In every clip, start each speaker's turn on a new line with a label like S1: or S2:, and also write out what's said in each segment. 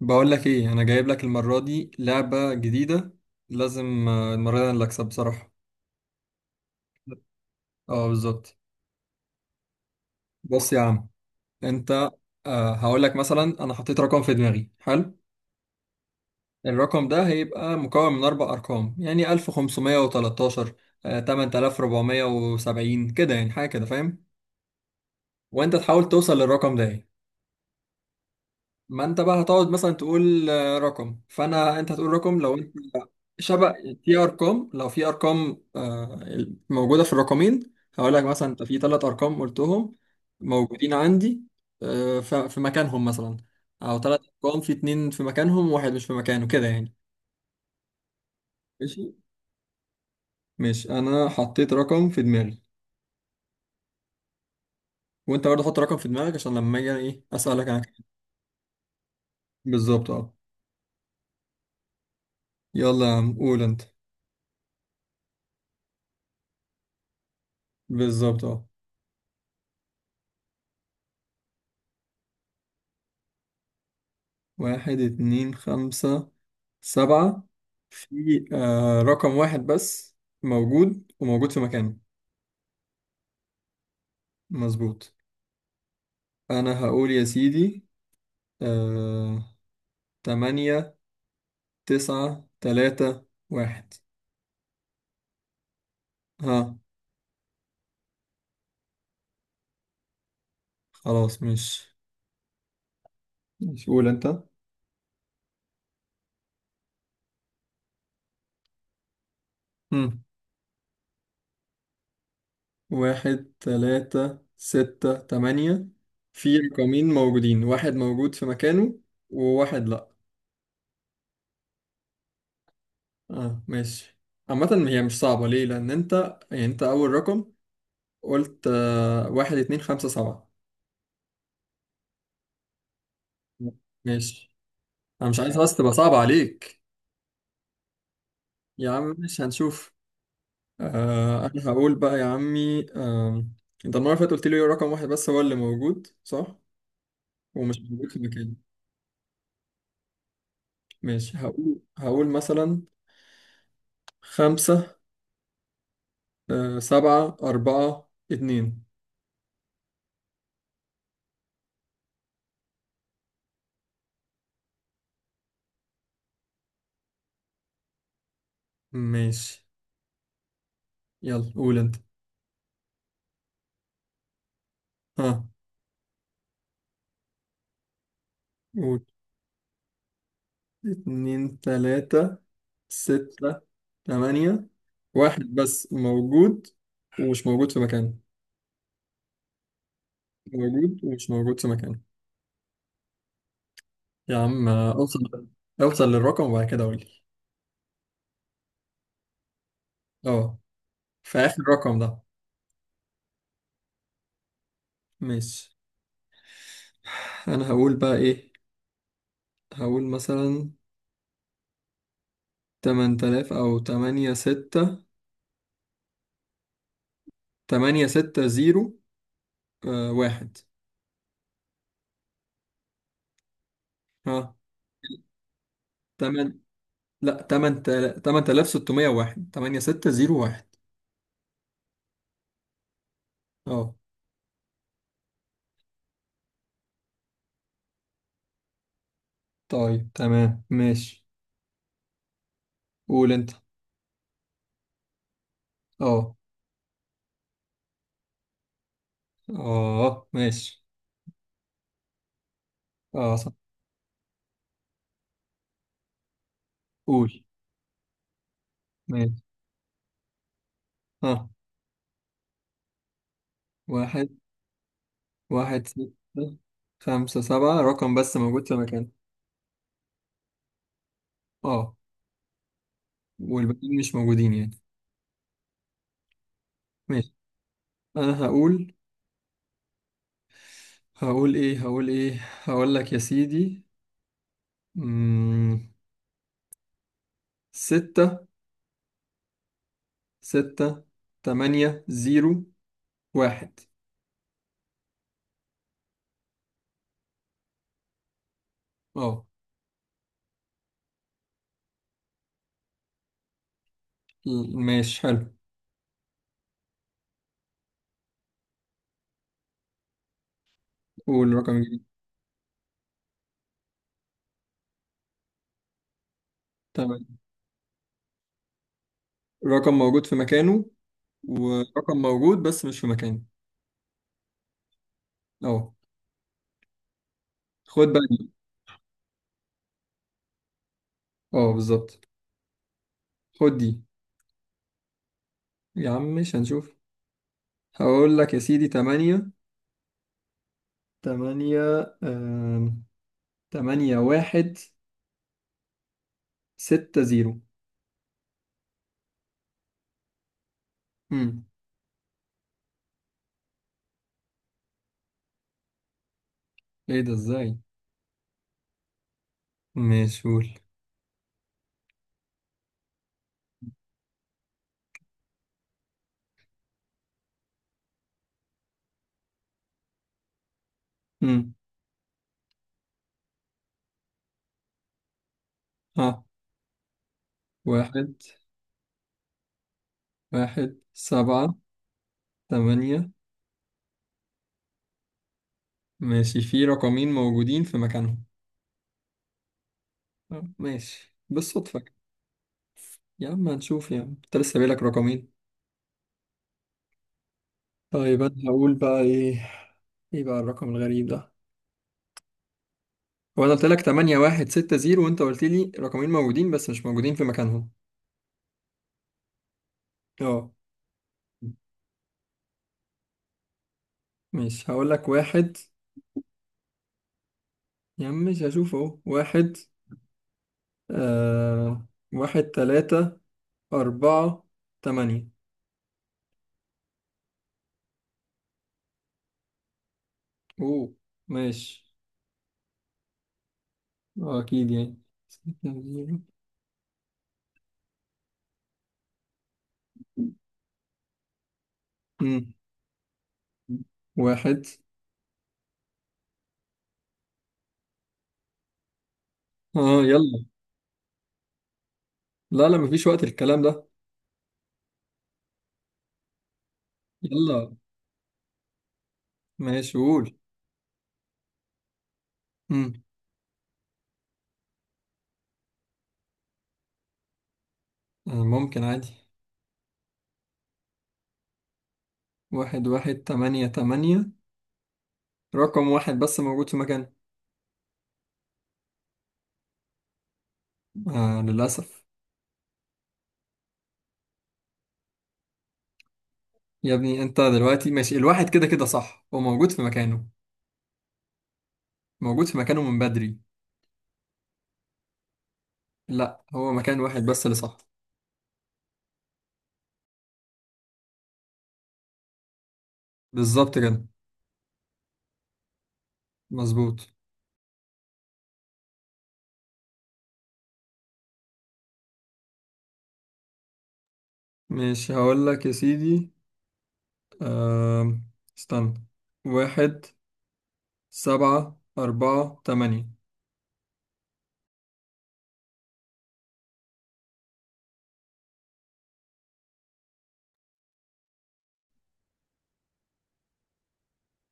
S1: بقول لك ايه، انا جايب لك المره دي لعبه جديده. لازم المره دي انا اللي اكسب بصراحه. اه بالظبط. بص يا عم انت. هقول لك مثلا انا حطيت رقم في دماغي حلو. الرقم ده هيبقى مكون من اربع ارقام، يعني 1513، 8470، كده يعني، حاجه كده فاهم. وانت تحاول توصل للرقم ده يعني. ما انت بقى هتقعد مثلا تقول رقم، فانا انت هتقول رقم لو انت شبه. في ارقام، لو في ارقام موجوده في الرقمين هقول لك مثلا انت في ثلاث ارقام قلتهم موجودين عندي، في مكانهم مثلا. او ثلاث ارقام في اتنين في مكانهم وواحد مش في مكانه كده يعني. ماشي. ماشي انا حطيت رقم في دماغي، وانت برضه حط رقم في دماغك عشان لما اجي انا ايه اسالك عنك. بالظبط اه. يلا يا عم قول انت. بالظبط اه. واحد اتنين خمسة سبعة، في رقم واحد بس موجود، وموجود في مكانه. مظبوط. أنا هقول يا سيدي، آه، تمانية تسعة تلاتة واحد، ها. خلاص مش. قول أنت. مم. واحد تلاتة ستة تمانية، في رقمين موجودين، واحد موجود في مكانه وواحد لأ. اه ماشي. عامة هي مش صعبة، ليه؟ لأن أنت يعني أنت أول رقم قلت واحد اتنين خمسة سبعة. ماشي. أنا مش عايز بس تبقى صعبة عليك. يا عم مش هنشوف. آه أنا هقول بقى يا عمي، آه، أنت المرة اللي فاتت قلت لي رقم واحد بس هو اللي موجود صح؟ ومش موجود في مكانه. ماشي. هقول مثلا خمسة، آه، سبعة أربعة اتنين. ماشي. يلا قول أنت. ها. قول. اتنين تلاتة ستة تمانية، واحد بس موجود، ومش موجود في مكانه. موجود ومش موجود في مكانه. يا عم اوصل. اوصل للرقم وبعد كده قولي. اه، في آخر رقم ده. ماشي. أنا هقول بقى إيه، هقول مثلا تمن تلاف، أو تمانية ستة، تمانية ستة زيرو، آه واحد، ها. تمن، لأ تمن تلاف ستمية واحد، تمانية ستة زيرو واحد. اه طيب تمام ماشي. قول انت. اه. اه ماشي. اه صح. قول. ماشي. ها. واحد. واحد ستة خمسة سبعة، رقم بس موجود في مكان. اه، والباقيين مش موجودين يعني. ماشي. انا هقول، هقول ايه، هقول لك يا سيدي، مم. ستة، ستة تمانية زيرو واحد. اه. ماشي حلو. قول رقم جديد. تمام. رقم موجود في مكانه، ورقم موجود بس مش في مكانه. اهو. خد بقى دي. اه بالظبط. خد دي. يا عم مش هنشوف. هقول لك يا سيدي تمانية، تمانية، آم، تمانية واحد ستة زيرو. امم. ايه ده ازاي؟ مش قول. امم. ها. واحد، واحد سبعة تمانية. ماشي، في رقمين موجودين في مكانهم. آه، ماشي بالصدفة كده. يا عم هنشوف، يا عم انت لسه بايلك رقمين. طيب انا هقول بقى ايه، ايه بقى الرقم الغريب ده؟ وانا قلت لك 8 1 6 0 وانت قلت لي رقمين موجودين بس مش موجودين في مكانهم. اه. ماشي هقول لك واحد. يا عم مش هشوف اهو واحد، آه، واحد تلاتة أربعة تمانية. أوه. ماشي. آه، أكيد يعني. ستة زيرو. مم. واحد، آه، يلا. لا لا، مفيش وقت الكلام ده. يلا. ماشي قول. مم. آه ممكن عادي. واحد واحد تمانية تمانية. رقم واحد بس موجود في مكان. آه للأسف. يا ابني انت دلوقتي ماشي، الواحد كده كده صح، هو موجود في مكانه، موجود في مكانه من بدري. لا هو مكان واحد بس اللي صح. بالظبط كده. مظبوط. مش هقول لك يا سيدي، أم... استنى، واحد سبعة أربعة تمانية.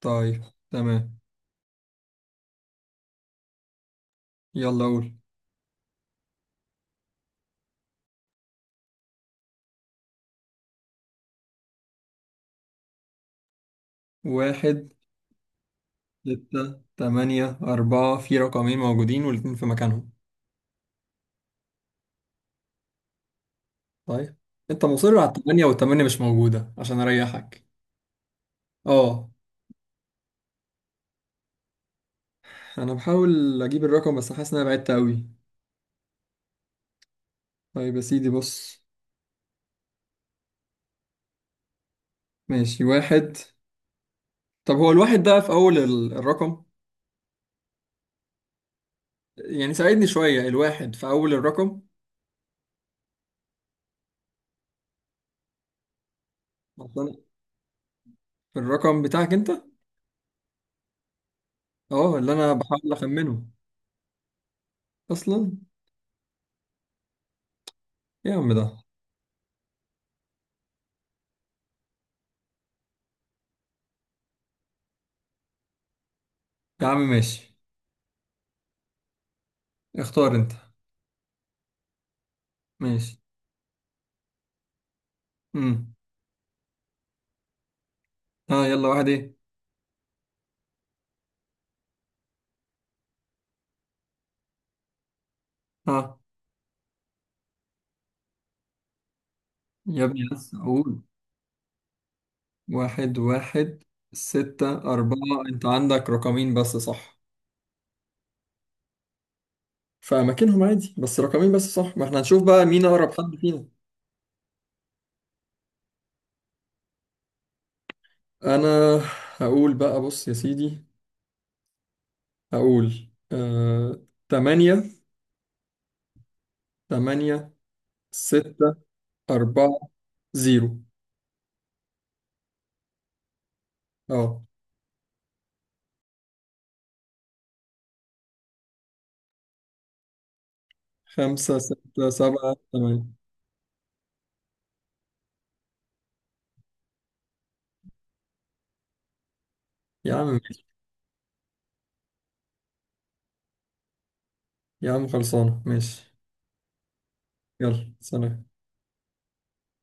S1: طيب. تمام. يلا قول. واحد، ستة تمانية أربعة، في رقمين موجودين والاتنين في مكانهم. طيب انت مصر على التمانية، والتمانية مش موجودة عشان أريحك. اه. انا بحاول اجيب الرقم بس حاسس ان انا بعدت قوي. طيب يا سيدي بص. ماشي. واحد. طب هو الواحد ده في اول الرقم؟ يعني ساعدني شوية، الواحد في اول الرقم اصلا. في الرقم بتاعك انت. اه اللي انا بحاول اخمنه. اصلا. إيه يا عم ده؟ يا عم ماشي. اختار انت. ماشي. امم. ها يلا، واحد ايه؟ ها. يا ابني بس اقول. واحد واحد ستة أربعة. أنت عندك رقمين بس صح؟ في اماكنهم عادي، بس رقمين بس صح، ما احنا هنشوف بقى مين اقرب حد فينا. انا هقول بقى، بص يا سيدي، هقول 8، 8، 6، 4، 0. اه 5 6 7 8. يا عم ماشي. يا عم خلصانة ماشي. يلا سلام.